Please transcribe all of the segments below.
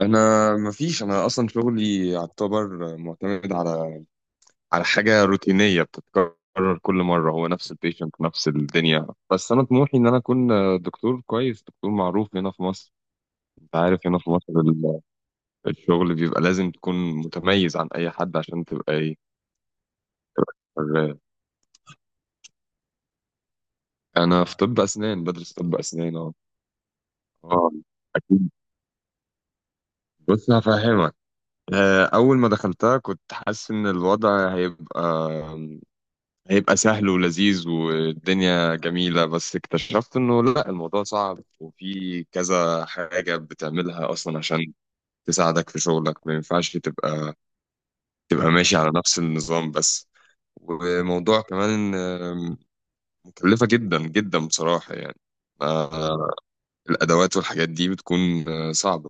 انا مفيش، اصلا شغلي يعتبر معتمد على حاجه روتينيه بتتكرر كل مره، هو نفس البيشنت نفس الدنيا، بس انا طموحي ان انا اكون دكتور كويس، دكتور معروف هنا في مصر. انت عارف هنا في مصر الشغل بيبقى لازم تكون متميز عن اي حد عشان تبقى ايه، شغال. انا في طب اسنان، بدرس طب اسنان. اه اه اكيد. بص هفهمك. اول ما دخلتها كنت حاسس ان الوضع هيبقى سهل ولذيذ والدنيا جميلة، بس اكتشفت انه لا، الموضوع صعب وفي كذا حاجة بتعملها اصلا عشان تساعدك في شغلك، ما ينفعش تبقى ماشي على نفس النظام بس. وموضوع كمان مكلفة جدا جدا بصراحة يعني. آه، الأدوات والحاجات دي بتكون صعبة.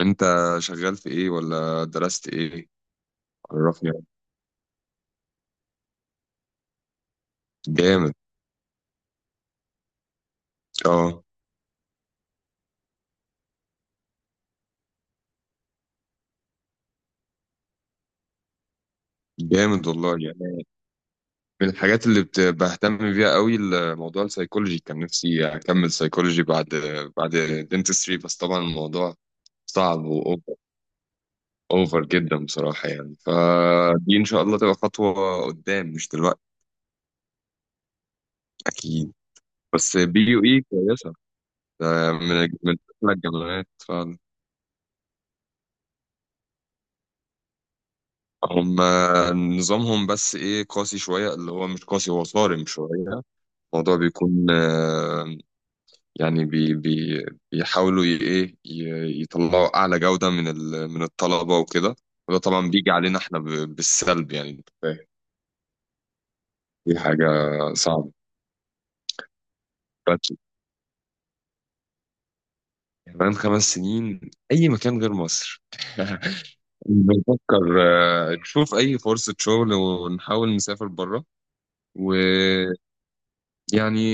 انت شغال في ايه ولا درست ايه؟ عرفني. جامد. اه، جامد والله يعني. من الحاجات بهتم بيها قوي الموضوع السيكولوجي. كان نفسي اكمل سيكولوجي بعد بعد دنتستري، بس طبعا الموضوع صعب واوفر، أوفر جدا بصراحة يعني. فدي ان شاء الله تبقى خطوة قدام، مش دلوقتي. اكيد. بس بي يو اي كويسة، ده من أحلى الجامعات فعلا. هم نظامهم بس ايه، قاسي شوية، اللي هو مش قاسي، هو صارم شوية. الموضوع بيكون يعني بي بي بيحاولوا يطلعوا اعلى جودة من من الطلبة وكده. وده طبعا بيجي علينا احنا بالسلب يعني، انت فاهم. دي حاجة صعبة. بس كمان خمس سنين اي مكان غير مصر. بنفكر نشوف اي فرصة شغل ونحاول نسافر بره. ويعني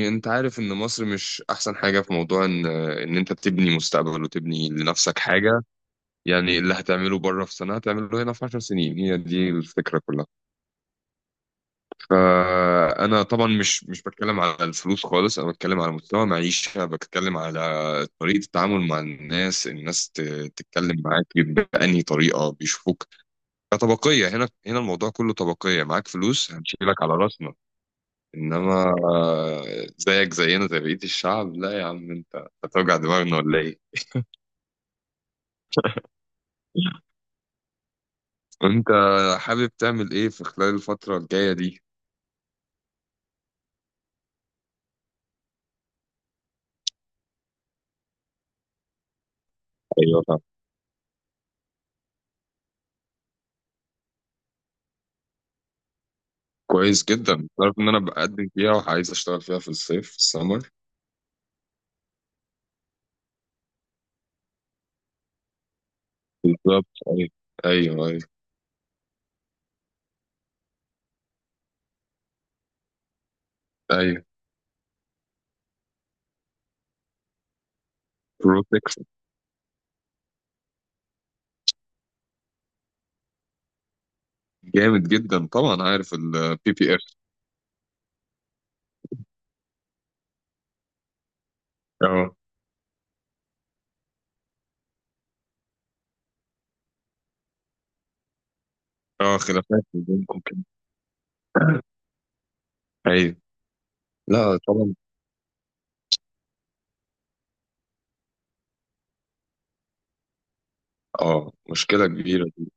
انت عارف ان مصر مش احسن حاجة في موضوع ان انت تبني مستقبل وتبني لنفسك حاجة. يعني اللي هتعمله بره في سنة هتعمله هنا في 10 سنين، هي دي الفكرة كلها. فأنا طبعا مش بتكلم على الفلوس خالص، أنا بتكلم على مستوى معيشة، بتكلم على طريقة التعامل مع الناس. تتكلم معاك بأنهي طريقة، بيشوفوك كطبقية. هنا الموضوع كله طبقية، معاك فلوس هنشيلك على راسنا، إنما زيك زينا زي بقية الشعب، لا يا عم أنت هتوجع دماغنا ولا إيه؟ أنت حابب تعمل إيه في خلال الفترة الجاية دي؟ ايوه، كويس جدا، تعرف ان انا بقدم فيها وعايز اشتغل فيها في الصيف، في السمر. بالظبط، ايوه. ايوه. ايوه. ايوه. بروتكس. جامد جدا، طبعا عارف البي بي اف. اه. اه، خلافات ما بينكم كده. ايوه. لا طبعا. اه، مشكله كبيره دي.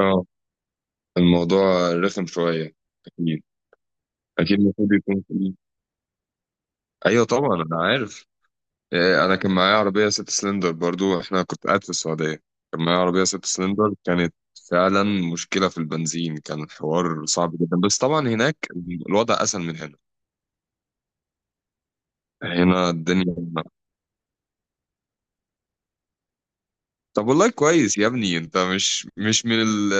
اه، الموضوع رخم شويه. اكيد. اكيد، المفروض يكون فيه. ايوه طبعا انا عارف. إيه، انا كان معايا عربيه ست سلندر برضو، احنا كنت قاعد في السعوديه، كان معايا عربيه ست سلندر، كانت فعلا مشكله في البنزين، كان الحوار صعب جدا، بس طبعا هناك الوضع اسهل من هنا. هنا الدنيا. طب والله كويس يا ابني، انت مش من ال...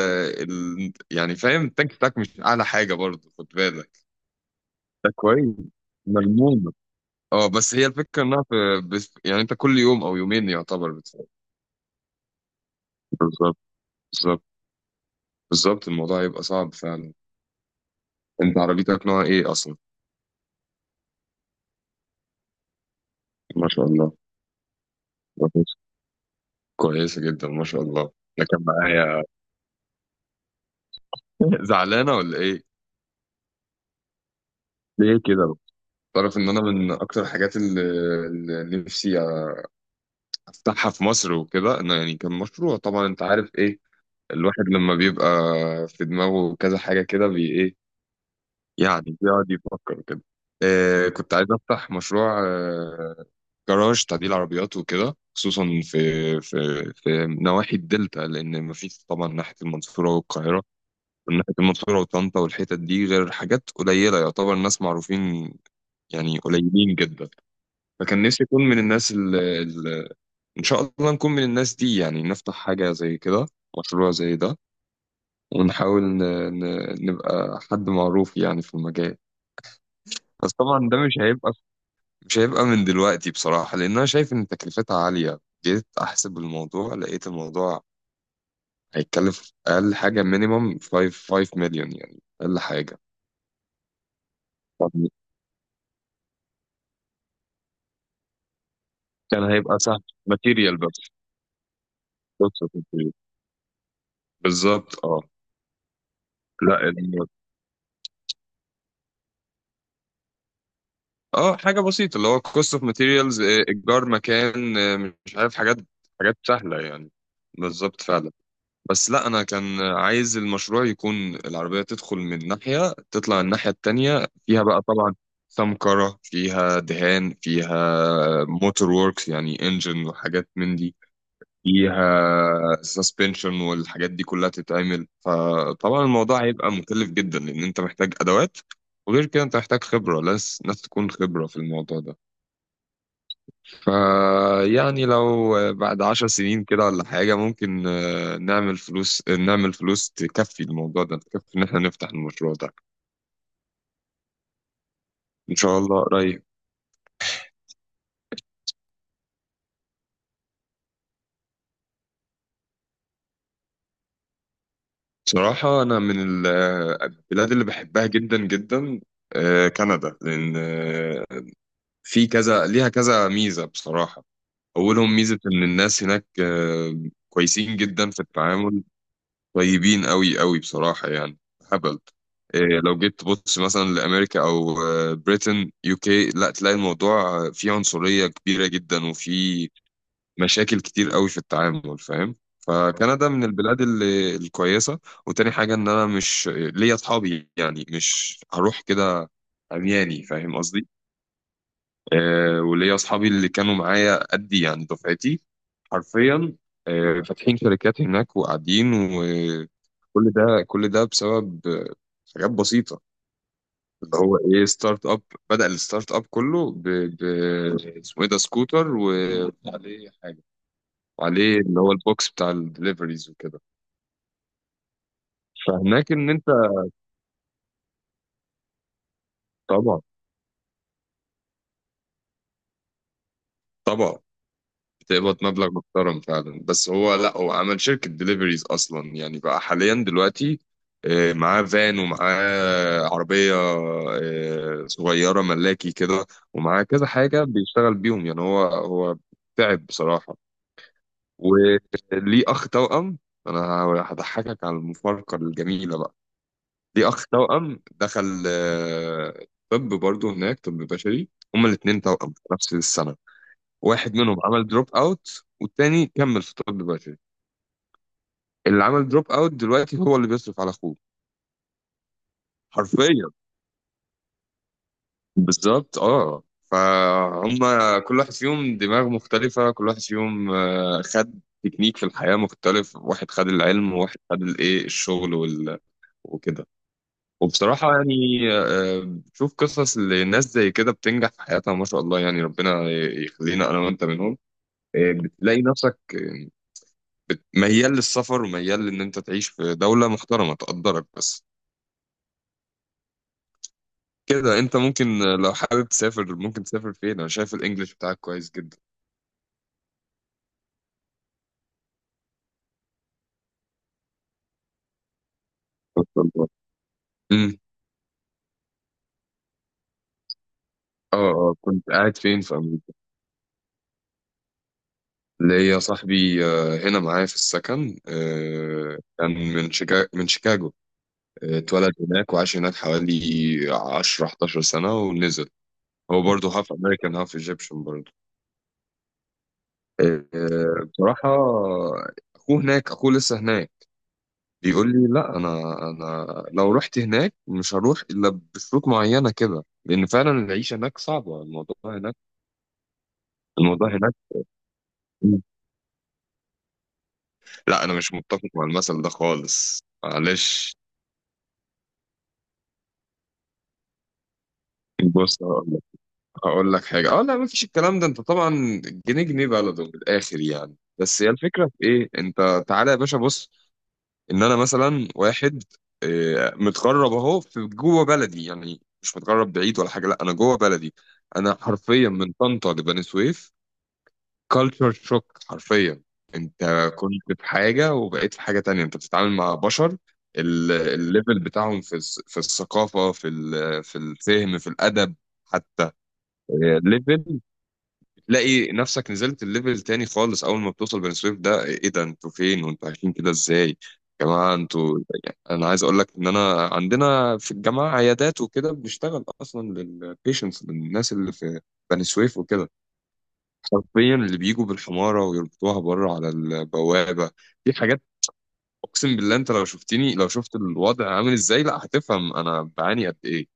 ال... يعني فاهم، التانك بتاعك مش اعلى حاجه برضو، خد بالك. ده كويس، ملمومة. اه بس هي الفكره انها في، بس يعني انت كل يوم او يومين يعتبر بتفعل. بالظبط بالظبط بالظبط، الموضوع هيبقى صعب فعلا. انت عربيتك نوع ايه اصلا؟ ما شاء الله. كويس، كويسة جدا، ما شاء الله. ده كان معايا. زعلانة ولا ايه؟ ليه كده؟ تعرف ان انا من اكتر الحاجات اللي نفسي افتحها في مصر وكده، انه يعني كان مشروع. طبعا انت عارف ايه، الواحد لما بيبقى في دماغه كذا حاجة كده بي ايه، يعني بيقعد يفكر كده. إيه، كنت عايز افتح مشروع جراج تعديل عربيات وكده، خصوصا في في نواحي الدلتا، لان مفيش طبعا ناحية المنصورة والقاهرة، من ناحية المنصورة وطنطا والحتت دي غير حاجات قليلة يعتبر، ناس معروفين يعني، قليلين جدا. فكان نفسي أكون من الناس اللي، إن شاء الله نكون من الناس دي، يعني نفتح حاجة زي كده، مشروع زي ده، ونحاول نبقى حد معروف يعني في المجال. بس طبعا ده مش هيبقى من دلوقتي بصراحة، لأن أنا شايف إن تكلفتها عالية. جيت أحسب الموضوع لقيت الموضوع هيتكلف أقل حاجة مينيمم 5 5 مليون يعني أقل حاجة. كان هيبقى سهل، ماتيريال بس، كوست اوف ماتيريال. بالظبط اه. لا اه حاجه بسيطه، اللي هو كوست اوف ماتيريالز، ايجار مكان، مش عارف، حاجات، حاجات سهله يعني. بالظبط فعلا. بس لا انا كان عايز المشروع يكون العربيه تدخل من ناحيه تطلع الناحيه التانيه، فيها بقى طبعا سمكرة، فيها دهان، فيها موتور ووركس يعني انجن وحاجات من دي، فيها سسبنشن والحاجات دي كلها تتعمل. فطبعا الموضوع هيبقى مكلف جدا، لان انت محتاج ادوات، وغير كده انت محتاج خبرة، ناس تكون خبرة في الموضوع ده. فيعني لو بعد عشر سنين كده ولا حاجة، ممكن نعمل فلوس، نعمل فلوس تكفي الموضوع ده، تكفي ان احنا نفتح المشروع ده. ان شاء الله قريب. بصراحة أنا من البلاد اللي بحبها جدا جدا كندا، لأن في كذا، ليها كذا ميزة بصراحة. أولهم ميزة إن الناس هناك كويسين جدا في التعامل، طيبين أوي أوي بصراحة يعني، هبل. لو جيت تبص مثلا لأمريكا أو بريتن يو كي، لا تلاقي الموضوع فيه عنصرية كبيرة جدا، وفيه مشاكل كتير أوي في التعامل، فاهم؟ فكندا من البلاد اللي الكويسة. وتاني حاجة إن أنا مش ليا أصحابي، يعني مش هروح كده عمياني فاهم قصدي. وليا اصحابي اللي كانوا معايا قدي يعني دفعتي، حرفيا فاتحين شركات هناك وقاعدين، وكل ده كل ده بسبب حاجات بسيطة، اللي هو ايه، ستارت اب. بدأ الستارت اب كله اسمه ايه ده، سكوتر وعليه حاجة، وعليه اللي هو البوكس بتاع الدليفريز وكده. فهناك ان انت طبعا، طبعا بتقبض مبلغ محترم فعلا، بس هو لا، هو عمل شركة دليفريز أصلا يعني بقى حاليا دلوقتي، معاه فان ومعاه عربية صغيرة ملاكي كده، ومعاه كذا حاجة بيشتغل بيهم يعني. هو تعب بصراحة. وليه أخ توأم. أنا هضحكك على المفارقة الجميلة بقى. ليه أخ توأم دخل طب برضه هناك، طب بشري. هما الاتنين توأم في نفس السنة، واحد منهم عمل دروب اوت والتاني كمل في طب بشري. اللي عمل دروب اوت دلوقتي هو اللي بيصرف على اخوه، حرفيا. بالظبط اه فهم. كل واحد فيهم دماغ مختلفة، كل واحد فيهم خد تكنيك في الحياة مختلف، واحد خد العلم وواحد خد الايه، الشغل وكده. وبصراحة يعني بشوف قصص لناس زي كده بتنجح في حياتها، ما شاء الله يعني، ربنا يخلينا انا وانت منهم. بتلاقي نفسك ميال للسفر، وميال ان انت تعيش في دولة محترمة تقدرك بس كده. انت ممكن لو حابب تسافر ممكن تسافر فين؟ انا شايف الانجليش بتاعك كويس جدا، ما شاء الله. امم. اه، اه، كنت قاعد فين في امريكا؟ ليا صاحبي هنا معايا في السكن، كان من شيكاغو، من شيكاغو، اتولد هناك وعاش هناك حوالي 10 11 سنة ونزل. هو برضه هاف امريكان هاف ايجيبشن برضه. بصراحة اخوه هناك، اخوه لسه هناك، بيقول لي لا انا لو رحت هناك مش هروح الا بشروط معينه كده، لان فعلا العيشه هناك صعبه. الموضوع هناك، لا انا مش متفق مع المثل ده خالص، معلش. بص هقول لك، هقول لك حاجه، اه، لا ما فيش الكلام ده. انت طبعا جنيه جنيه بلده من الاخر يعني، بس هي الفكره في ايه، انت تعالى يا باشا بص، ان انا مثلا واحد متغرب اهو في جوه بلدي، يعني مش متغرب بعيد ولا حاجه، لا انا جوه بلدي. انا حرفيا من طنطا لبني سويف، كالتشر شوك حرفيا. انت كنت في حاجة وبقيت في حاجة تانية، انت بتتعامل مع بشر الليفل بتاعهم في في الثقافة في في الفهم في الأدب حتى، ليفل. تلاقي نفسك نزلت الليفل تاني خالص. أول ما بتوصل بني سويف، ده ايه ده، انتوا فين وانتوا عايشين كده ازاي يا جماعة انتوا؟ يعني أنا عايز أقول لك إن أنا عندنا في الجامعة عيادات وكده، بنشتغل أصلا للبيشنتس للناس اللي في بني سويف وكده، حرفيا اللي بيجوا بالحمارة ويربطوها بره على البوابة. دي حاجات، أقسم بالله أنت لو شفتني، لو شفت الوضع عامل إزاي لا هتفهم أنا بعاني قد إيه.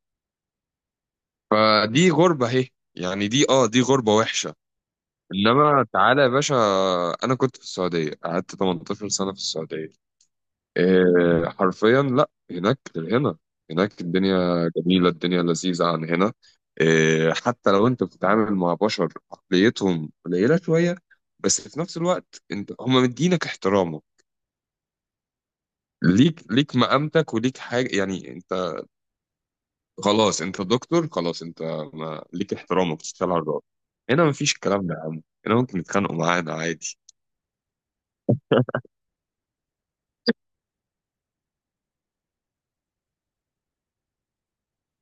فدي غربة أهي، يعني دي آه دي غربة وحشة. إنما تعالى يا باشا، أنا كنت في السعودية، قعدت 18 سنة في السعودية، إيه، حرفيا لا هناك غير هنا، هناك الدنيا جميلة، الدنيا لذيذة عن هنا، إيه. حتى لو انت بتتعامل مع بشر عقليتهم قليلة شوية، بس في نفس الوقت انت هم مدينك احترامه، ليك مقامتك وليك حاجة يعني. انت خلاص انت دكتور، خلاص انت ما ليك احترامك، تشتغل على الراجل. هنا مفيش الكلام ده يا عم، هنا ممكن يتخانقوا معانا عادي.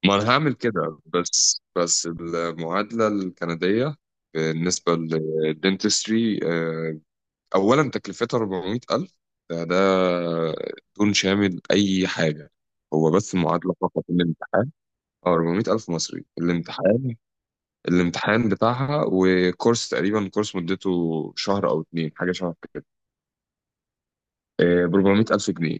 ما انا هعمل كده، بس المعادله الكنديه بالنسبه للدنتستري اولا تكلفتها 400,000، ده ده دون شامل اي حاجه، هو بس المعادله فقط، الامتحان. اه 400,000 مصري، الامتحان، الامتحان بتاعها وكورس تقريبا، كورس مدته شهر او اتنين حاجه، شهر كده، ب 400,000 جنيه.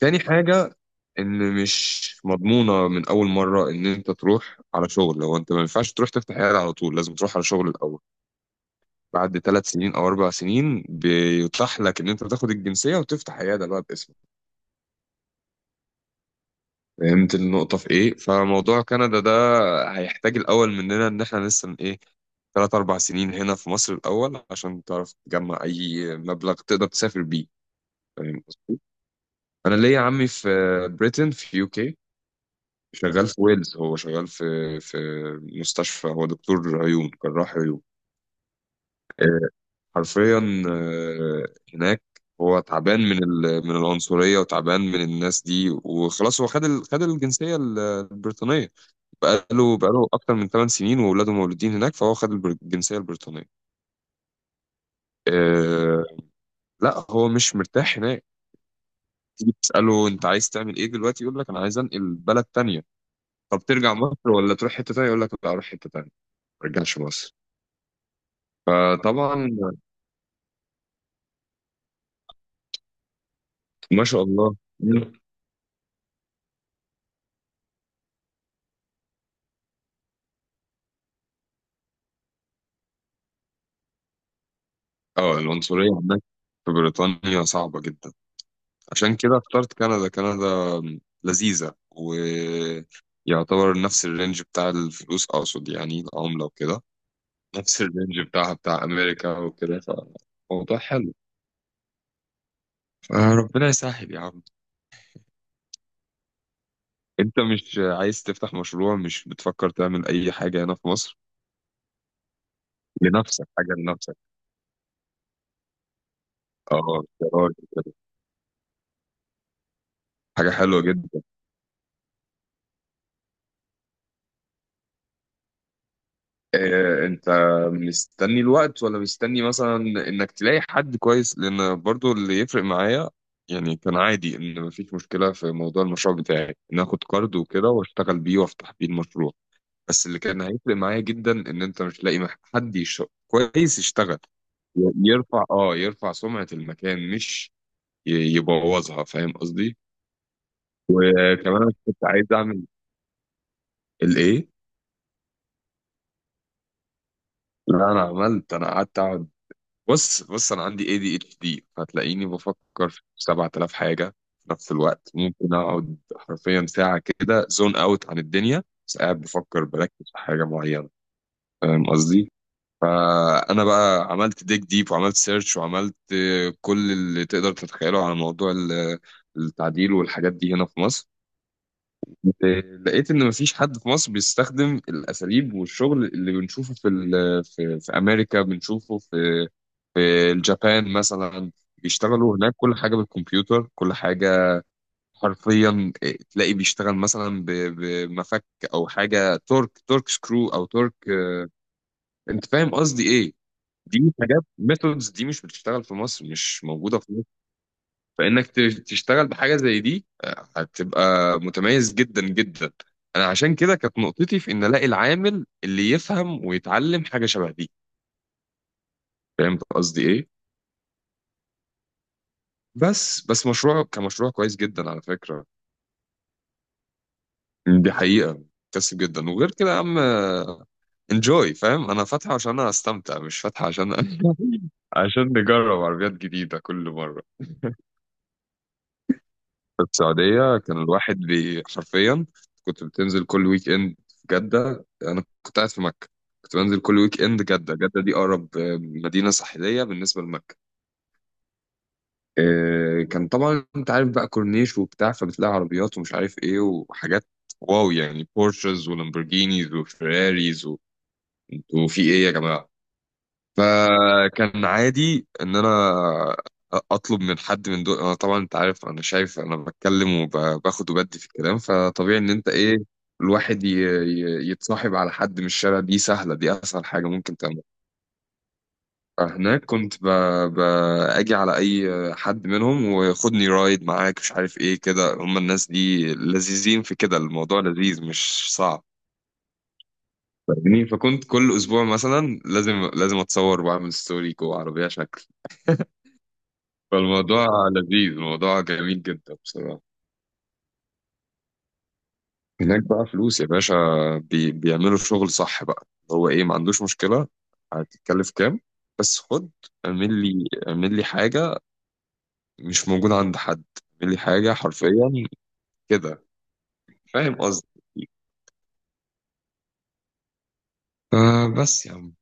تاني حاجة إن مش مضمونة من أول مرة إن أنت تروح على شغل، لو أنت ما ينفعش تروح تفتح عيادة على طول، لازم تروح على شغل الأول. بعد ثلاث سنين أو أربع سنين بيتاح لك إن أنت تاخد الجنسية وتفتح عيادة بقى باسمك. فهمت النقطة في إيه؟ فموضوع كندا ده هيحتاج الأول مننا إن إحنا لسه إيه، ثلاث أربع سنين هنا في مصر الأول عشان تعرف تجمع أي مبلغ تقدر تسافر بيه، فاهم قصدي؟ أنا ليا عمي في بريتن، في يو كي، شغال في ويلز، هو شغال في مستشفى، هو دكتور عيون، جراح عيون، حرفيا هناك. هو تعبان من العنصرية وتعبان من الناس دي، وخلاص هو خد خد الجنسية البريطانية بقاله أكتر من 8 سنين وولاده مولودين هناك فهو خد الجنسية البريطانية. آه، لا هو مش مرتاح هناك. تيجي تسأله أنت عايز تعمل إيه دلوقتي، يقول لك أنا عايز أنقل بلد تانية. طب ترجع مصر ولا تروح حتة تانية؟ يقول لك لا، أروح حتة تانية، ما أرجعش مصر. فطبعا ما شاء الله. مم. اه، العنصرية عندك في بريطانيا صعبة جدا. عشان كده اخترت كندا. كندا لذيذة، ويعتبر نفس الرينج بتاع الفلوس، أقصد يعني العملة وكده. نفس الرينج بتاعها بتاع أمريكا وكده، فموضوع حلو. فربنا يسهل يا عم. أنت مش عايز تفتح مشروع؟ مش بتفكر تعمل أي حاجة هنا في مصر لنفسك؟ حاجة لنفسك. اه يا راجل، حاجة حلوة جدا. انت مستني الوقت ولا مستني مثلا انك تلاقي حد كويس؟ لان برضو اللي يفرق معايا، يعني كان عادي ان مفيش مشكلة في موضوع المشروع بتاعي ان اخد كارد وكده واشتغل بيه وافتح بيه المشروع. بس اللي كان هيفرق معايا جدا ان انت مش لاقي حد كويس يشتغل، يرفع سمعة المكان، مش يبوظها. فاهم قصدي؟ كمان أنا كنت عايز اعمل الايه. لا انا عملت، انا قعدت اقعد. بص بص، انا عندي ADHD، هتلاقيني بفكر في 7,000 حاجه في نفس الوقت. ممكن اقعد حرفيا ساعه كده زون اوت عن الدنيا، بس قاعد بفكر، بركز في حاجه معينه. فاهم قصدي؟ فانا بقى عملت ديك ديب وعملت سيرش وعملت كل اللي تقدر تتخيله على موضوع التعديل والحاجات دي هنا في مصر. لقيت ان مفيش حد في مصر بيستخدم الاساليب والشغل اللي بنشوفه في في امريكا، بنشوفه في في اليابان مثلا. بيشتغلوا هناك كل حاجه بالكمبيوتر، كل حاجه حرفيا. إيه، تلاقي بيشتغل مثلا بمفك او حاجه تورك تورك سكرو او تورك، انت فاهم قصدي ايه؟ دي حاجات، ميثودز دي مش بتشتغل في مصر، مش موجوده في. فانك تشتغل بحاجه زي دي، هتبقى متميز جدا جدا. انا عشان كده كانت نقطتي في ان الاقي العامل اللي يفهم ويتعلم حاجه شبه دي. فاهم قصدي ايه؟ بس مشروع كمشروع كويس جدا على فكره. دي حقيقه، كسب جدا. وغير كده يا عم، انجوي، فاهم؟ انا فاتحه عشان انا استمتع، مش فاتحه عشان عشان نجرب عربيات جديده كل مره. في السعودية كان الواحد حرفيا، كنت بتنزل كل ويك اند في جدة، أنا كنت قاعد في مكة. كنت بنزل كل ويك اند جدة. جدة دي أقرب مدينة ساحلية بالنسبة لمكة. كان طبعا أنت عارف بقى، كورنيش وبتاع، فبتلاقي عربيات ومش عارف إيه وحاجات، واو يعني، بورشز ولامبورجينيز وفيراريز و... انتوا في إيه يا جماعة؟ فكان عادي ان انا اطلب من حد من دول. انا طبعا انت عارف، انا شايف، انا بتكلم وباخد وبدي في الكلام، فطبيعي ان انت ايه، الواحد يتصاحب على حد من الشارع. دي سهله، دي اسهل حاجه ممكن تعملها. فهناك كنت ب... اجي على اي حد منهم، وخدني رايد معاك مش عارف ايه كده. هم الناس دي لذيذين في كده، الموضوع لذيذ مش صعب، فاهمني؟ فكنت كل اسبوع مثلا لازم لازم اتصور واعمل ستوري جوه عربيه شكل. فالموضوع لذيذ، الموضوع جميل جدا بصراحة. هناك بقى فلوس يا باشا، بيعملوا الشغل صح. بقى هو ايه، ما عندوش مشكلة، هتتكلف كام بس خد، اعمل لي حاجة مش موجودة عند حد، اعمل لي حاجة حرفيا كده، فاهم قصدي؟ بس يا عم.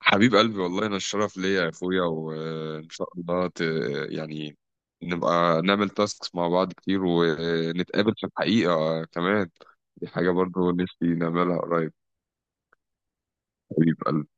حبيب قلبي والله، انا الشرف ليا يا اخويا، وان شاء الله يعني نبقى نعمل تاسكس مع بعض كتير، ونتقابل في الحقيقة كمان. دي حاجة برضو نفسي نعملها قريب. حبيب قلبي.